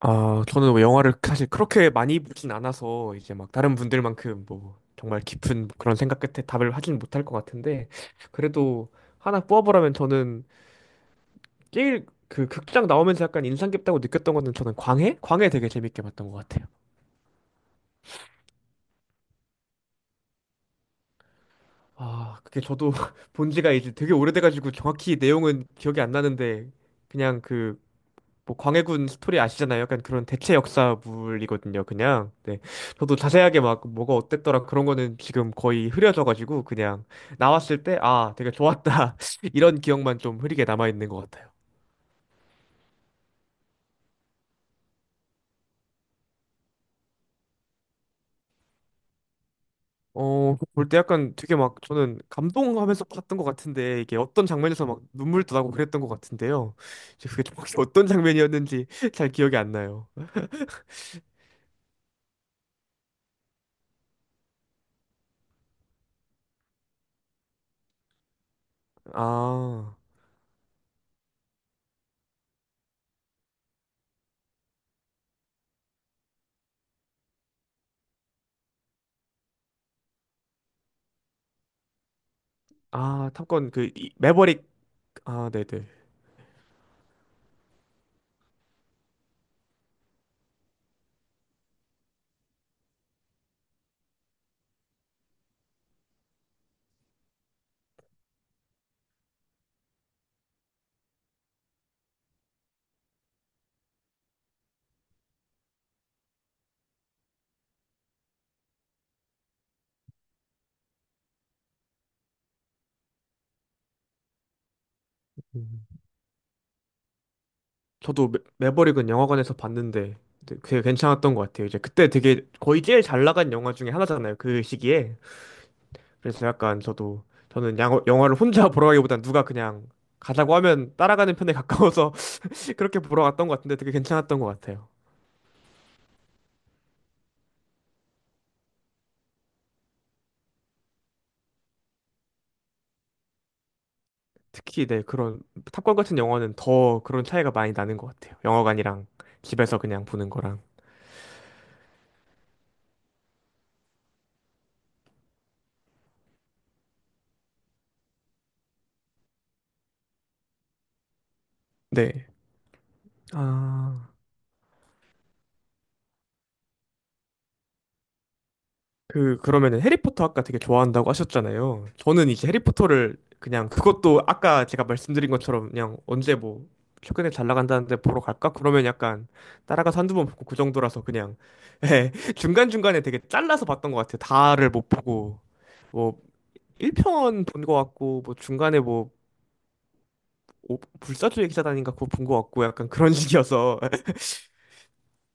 아, 저는 뭐 영화를 사실 그렇게 많이 보진 않아서 이제 막 다른 분들만큼 뭐 정말 깊은 그런 생각 끝에 답을 하진 못할 것 같은데 그래도 하나 뽑아보라면 저는 제일 그 극장 나오면서 약간 인상 깊다고 느꼈던 거는 저는 광해? 광해 되게 재밌게 봤던 것 같아요. 아, 그게 저도 본 지가 이제 되게 오래돼가지고 정확히 내용은 기억이 안 나는데 그냥 뭐 광해군 스토리 아시잖아요. 약간 그런 대체 역사물이거든요. 그냥 네. 저도 자세하게 막 뭐가 어땠더라 그런 거는 지금 거의 흐려져가지고 그냥 나왔을 때 아 되게 좋았다 이런 기억만 좀 흐리게 남아 있는 것 같아요. 어, 볼 때 약간 되게 막 저는 감동하면서 봤던 것 같은데 이게 어떤 장면에서 막 눈물도 나고 그랬던 것 같은데요. 이제 그게 좀 혹시 어떤 장면이었는지 잘 기억이 안 나요. 아, 아, 탑건 그 매버릭. 아, 네네. 음. 저도 매버릭은 영화관에서 봤는데 근데 되게 괜찮았던 것 같아요. 이제 그때 되게 거의 제일 잘 나간 영화 중에 하나잖아요. 그 시기에. 그래서 약간 저도 저는 양 영화를 혼자 보러 가기보단 누가 그냥 가자고 하면 따라가는 편에 가까워서 그렇게 보러 갔던 것 같은데 되게 괜찮았던 것 같아요. 특히 네 그런 탑건 같은 영화는 더 그런 차이가 많이 나는 것 같아요. 영화관이랑 집에서 그냥 보는 거랑. 네. 아. 그러면은 해리포터 아까 되게 좋아한다고 하셨잖아요. 저는 이제 해리포터를 그냥 그것도 아까 제가 말씀드린 것처럼 그냥 언제 뭐 최근에 잘 나간다는데 보러 갈까? 그러면 약간 따라가서 한두 번 보고 그 정도라서 그냥 예, 중간중간에 되게 잘라서 봤던 것 같아요. 다를 못 보고 뭐 1편 본 것 같고 뭐 중간에 뭐 불사조의 기사단인가 그거 본 것 같고 약간 그런 식이어서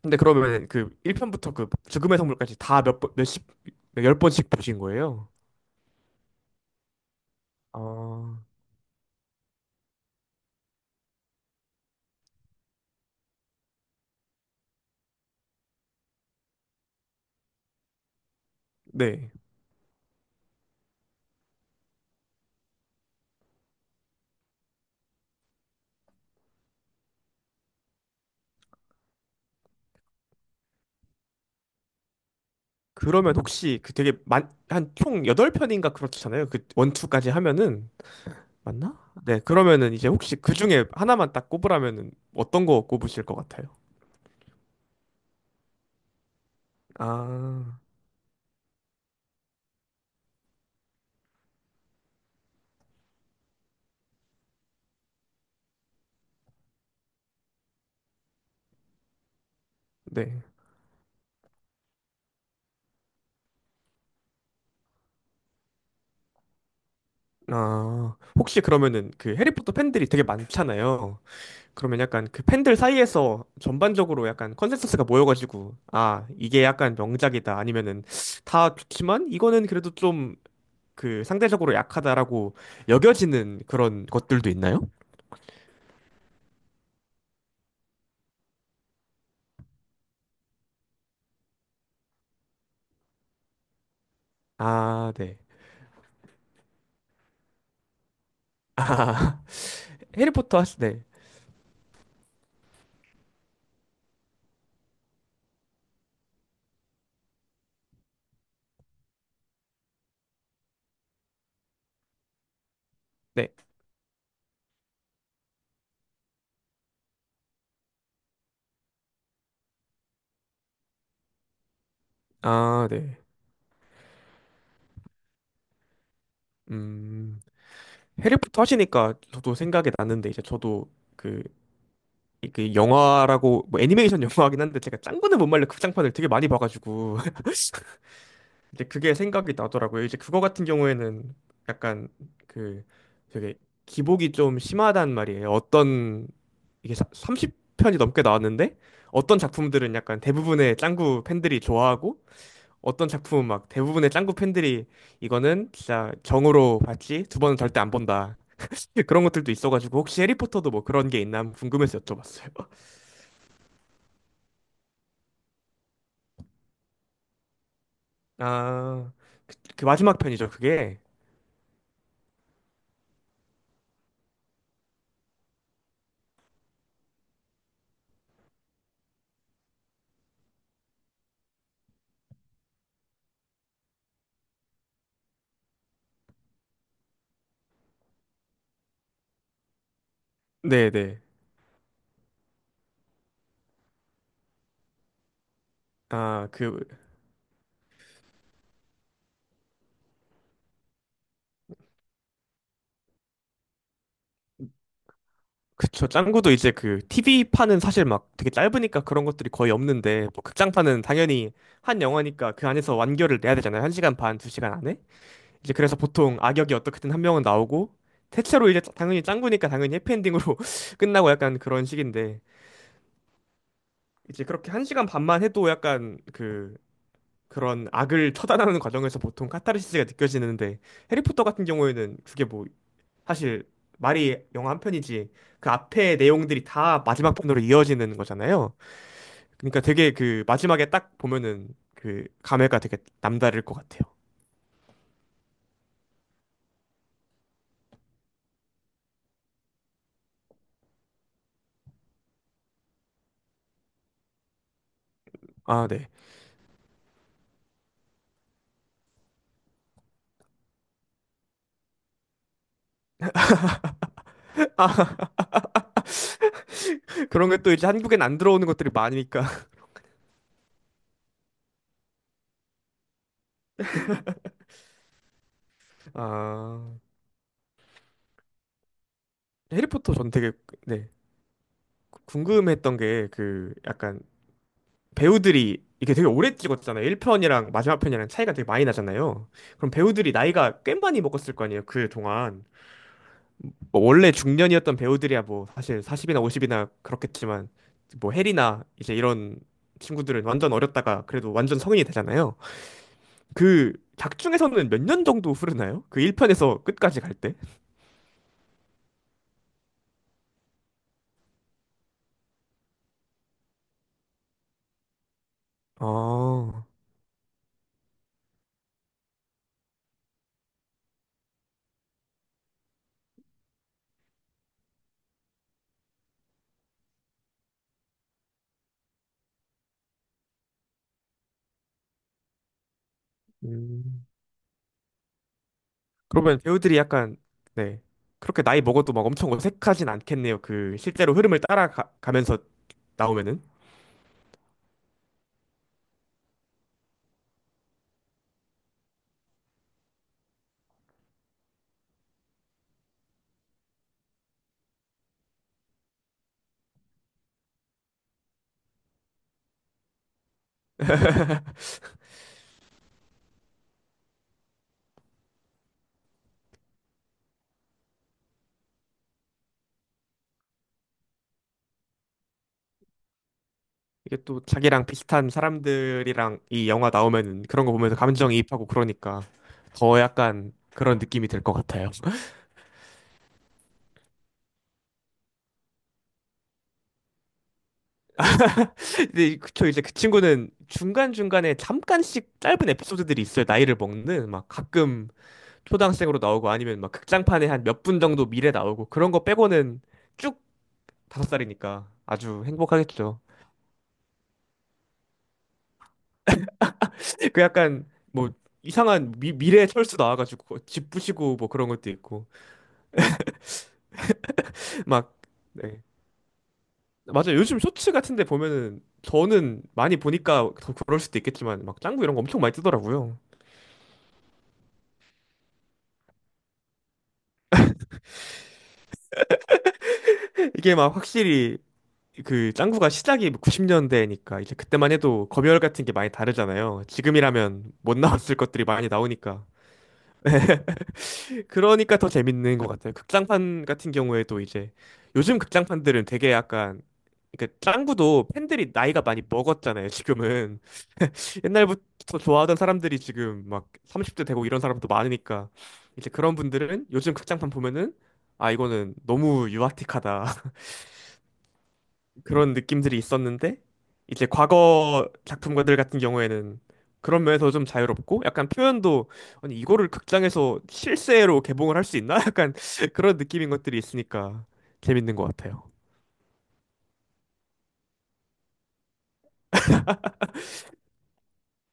근데 그러면 그 1편부터 그 죽음의 성물까지 다 몇 번, 몇십, 몇 열 번씩 보신 거예요? 아 네. 그러면 혹시 그 되게 만, 한 총 8편인가 그렇잖아요. 그 원투까지 하면은 맞나? 네. 그러면은 이제 혹시 그 중에 하나만 딱 꼽으라면은 어떤 거 꼽으실 것 같아요? 아, 네. 아, 혹시 그러면은 그 해리포터 팬들이 되게 많잖아요. 그러면 약간 그 팬들 사이에서 전반적으로 약간 컨센서스가 모여가지고, 아, 이게 약간 명작이다. 아니면은 다 좋지만 이거는 그래도 좀 그 상대적으로 약하다라고 여겨지는 그런 것들도 있나요? 아, 네. 아, 해리포터 하시, 네. 네. 아, 네. 음, 해리포터 하시니까 저도 생각이 났는데, 이제 저도 그, 그 영화라고, 뭐 애니메이션 영화긴 한데, 제가 짱구는 못 말려 극장판을 되게 많이 봐가지고, 이제 그게 생각이 나더라고요. 이제 그거 같은 경우에는 약간 그 되게 기복이 좀 심하단 말이에요. 어떤, 이게 30편이 넘게 나왔는데, 어떤 작품들은 약간 대부분의 짱구 팬들이 좋아하고, 어떤 작품 막 대부분의 짱구 팬들이 이거는 진짜 정으로 봤지 두 번은 절대 안 본다. 그런 것들도 있어가지고 혹시 해리포터도 뭐 그런 게 있나 궁금해서 여쭤봤어요. 아, 그 마지막 편이죠, 그게. 네네. 아, 그, 그쵸. 짱구도 이제 그 TV판은 사실 막 되게 짧으니까 그런 것들이 거의 없는데, 뭐 극장판은 당연히 한 영화니까 그 안에서 완결을 내야 되잖아요. 한 시간 반, 두 시간 안에. 이제 그래서 보통 악역이 어떻게든 한 명은 나오고 대체로 이제 당연히 짱구니까 당연히 해피엔딩으로 끝나고 약간 그런 식인데 이제 그렇게 한 시간 반만 해도 약간 그 그런 악을 처단하는 과정에서 보통 카타르시스가 느껴지는데 해리포터 같은 경우에는 그게 뭐 사실 말이 영화 한 편이지 그 앞에 내용들이 다 마지막 편으로 이어지는 거잖아요. 그러니까 되게 그 마지막에 딱 보면은 그 감회가 되게 남다를 것 같아요. 아, 네. 아, 그런 게 또 이제 한국엔 안 들어오는 것들이 많으니까 아, 해리포터 전 되게 네, 궁금했던 게 그 약간 배우들이 이게 되게 오래 찍었잖아요. 1편이랑 마지막 편이랑 차이가 되게 많이 나잖아요. 그럼 배우들이 나이가 꽤 많이 먹었을 거 아니에요, 그 동안. 뭐 원래 중년이었던 배우들이야 뭐 사실 40이나 50이나 그렇겠지만 뭐 해리나 이제 이런 친구들은 완전 어렸다가 그래도 완전 성인이 되잖아요. 그 작중에서는 몇 년 정도 흐르나요? 그 1편에서 끝까지 갈 때? 아, 음. 그러면 배우들이 약간 네 그렇게 나이 먹어도 막 엄청 어색하진 않겠네요. 그 실제로 흐름을 따라가면서 나오면은 이게 또 자기랑 비슷한 사람들이랑 이 영화 나오면은 그런 거 보면서 감정이입하고 그러니까 더 약간 그런 느낌이 들 것 같아요. 근데 그쵸 이제 그 친구는 중간 중간에 잠깐씩 짧은 에피소드들이 있어요. 나이를 먹는 막 가끔 초등학생으로 나오고 아니면 막 극장판에 한 몇 분 정도 미래 나오고 그런 거 빼고는. 쭉 다섯 살이니까 아주 행복하겠죠. 그 약간 뭐 이상한 미래 철수 나와가지고 뭐 집 부시고 뭐 그런 것도 있고 막 네. 맞아요. 요즘 쇼츠 같은데 보면은 저는 많이 보니까 더 그럴 수도 있겠지만 막 짱구 이런 거 엄청 많이 뜨더라고요. 이게 막 확실히 그 짱구가 시작이 90년대니까 이제 그때만 해도 검열 같은 게 많이 다르잖아요. 지금이라면 못 나왔을 것들이 많이 나오니까. 그러니까 더 재밌는 것 같아요. 극장판 같은 경우에도 이제 요즘 극장판들은 되게 약간 그러니까 짱구도 팬들이 나이가 많이 먹었잖아요, 지금은. 옛날부터 좋아하던 사람들이 지금 막 30대 되고 이런 사람도 많으니까 이제 그런 분들은 요즘 극장판 보면은 아 이거는 너무 유아틱하다 그런 느낌들이 있었는데 이제 과거 작품들 같은 경우에는 그런 면에서 좀 자유롭고 약간 표현도 아니 이거를 극장에서 실제로 개봉을 할 수 있나? 약간 그런 느낌인 것들이 있으니까 재밌는 것 같아요.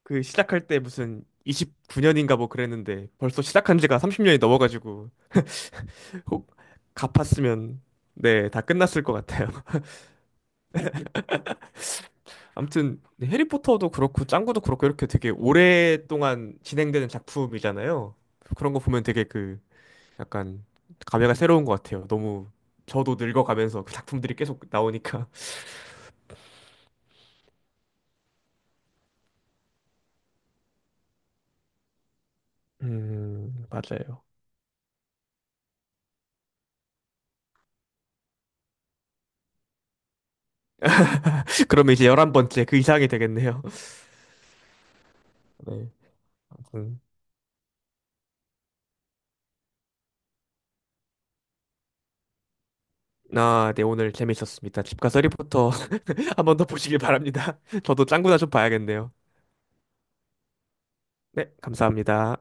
그 시작할 때 무슨 29년인가 뭐 그랬는데 벌써 시작한 지가 30년이 넘어가지고 혹 갚았으면 네, 다 끝났을 것 같아요. 아무튼 네, 해리포터도 그렇고 짱구도 그렇고 이렇게 되게 오랫동안 진행되는 작품이잖아요. 그런 거 보면 되게 그 약간 감회가 새로운 것 같아요. 너무 저도 늙어가면서 그 작품들이 계속 나오니까. 맞아요. 그러면 이제 11번째 그 이상이 되겠네요. 네. 아무튼 아, 네, 오늘 재밌었습니다. 집 가서 해리포터 한 번 더 보시길 바랍니다. 저도 짱구나 좀 봐야겠네요. 네, 감사합니다.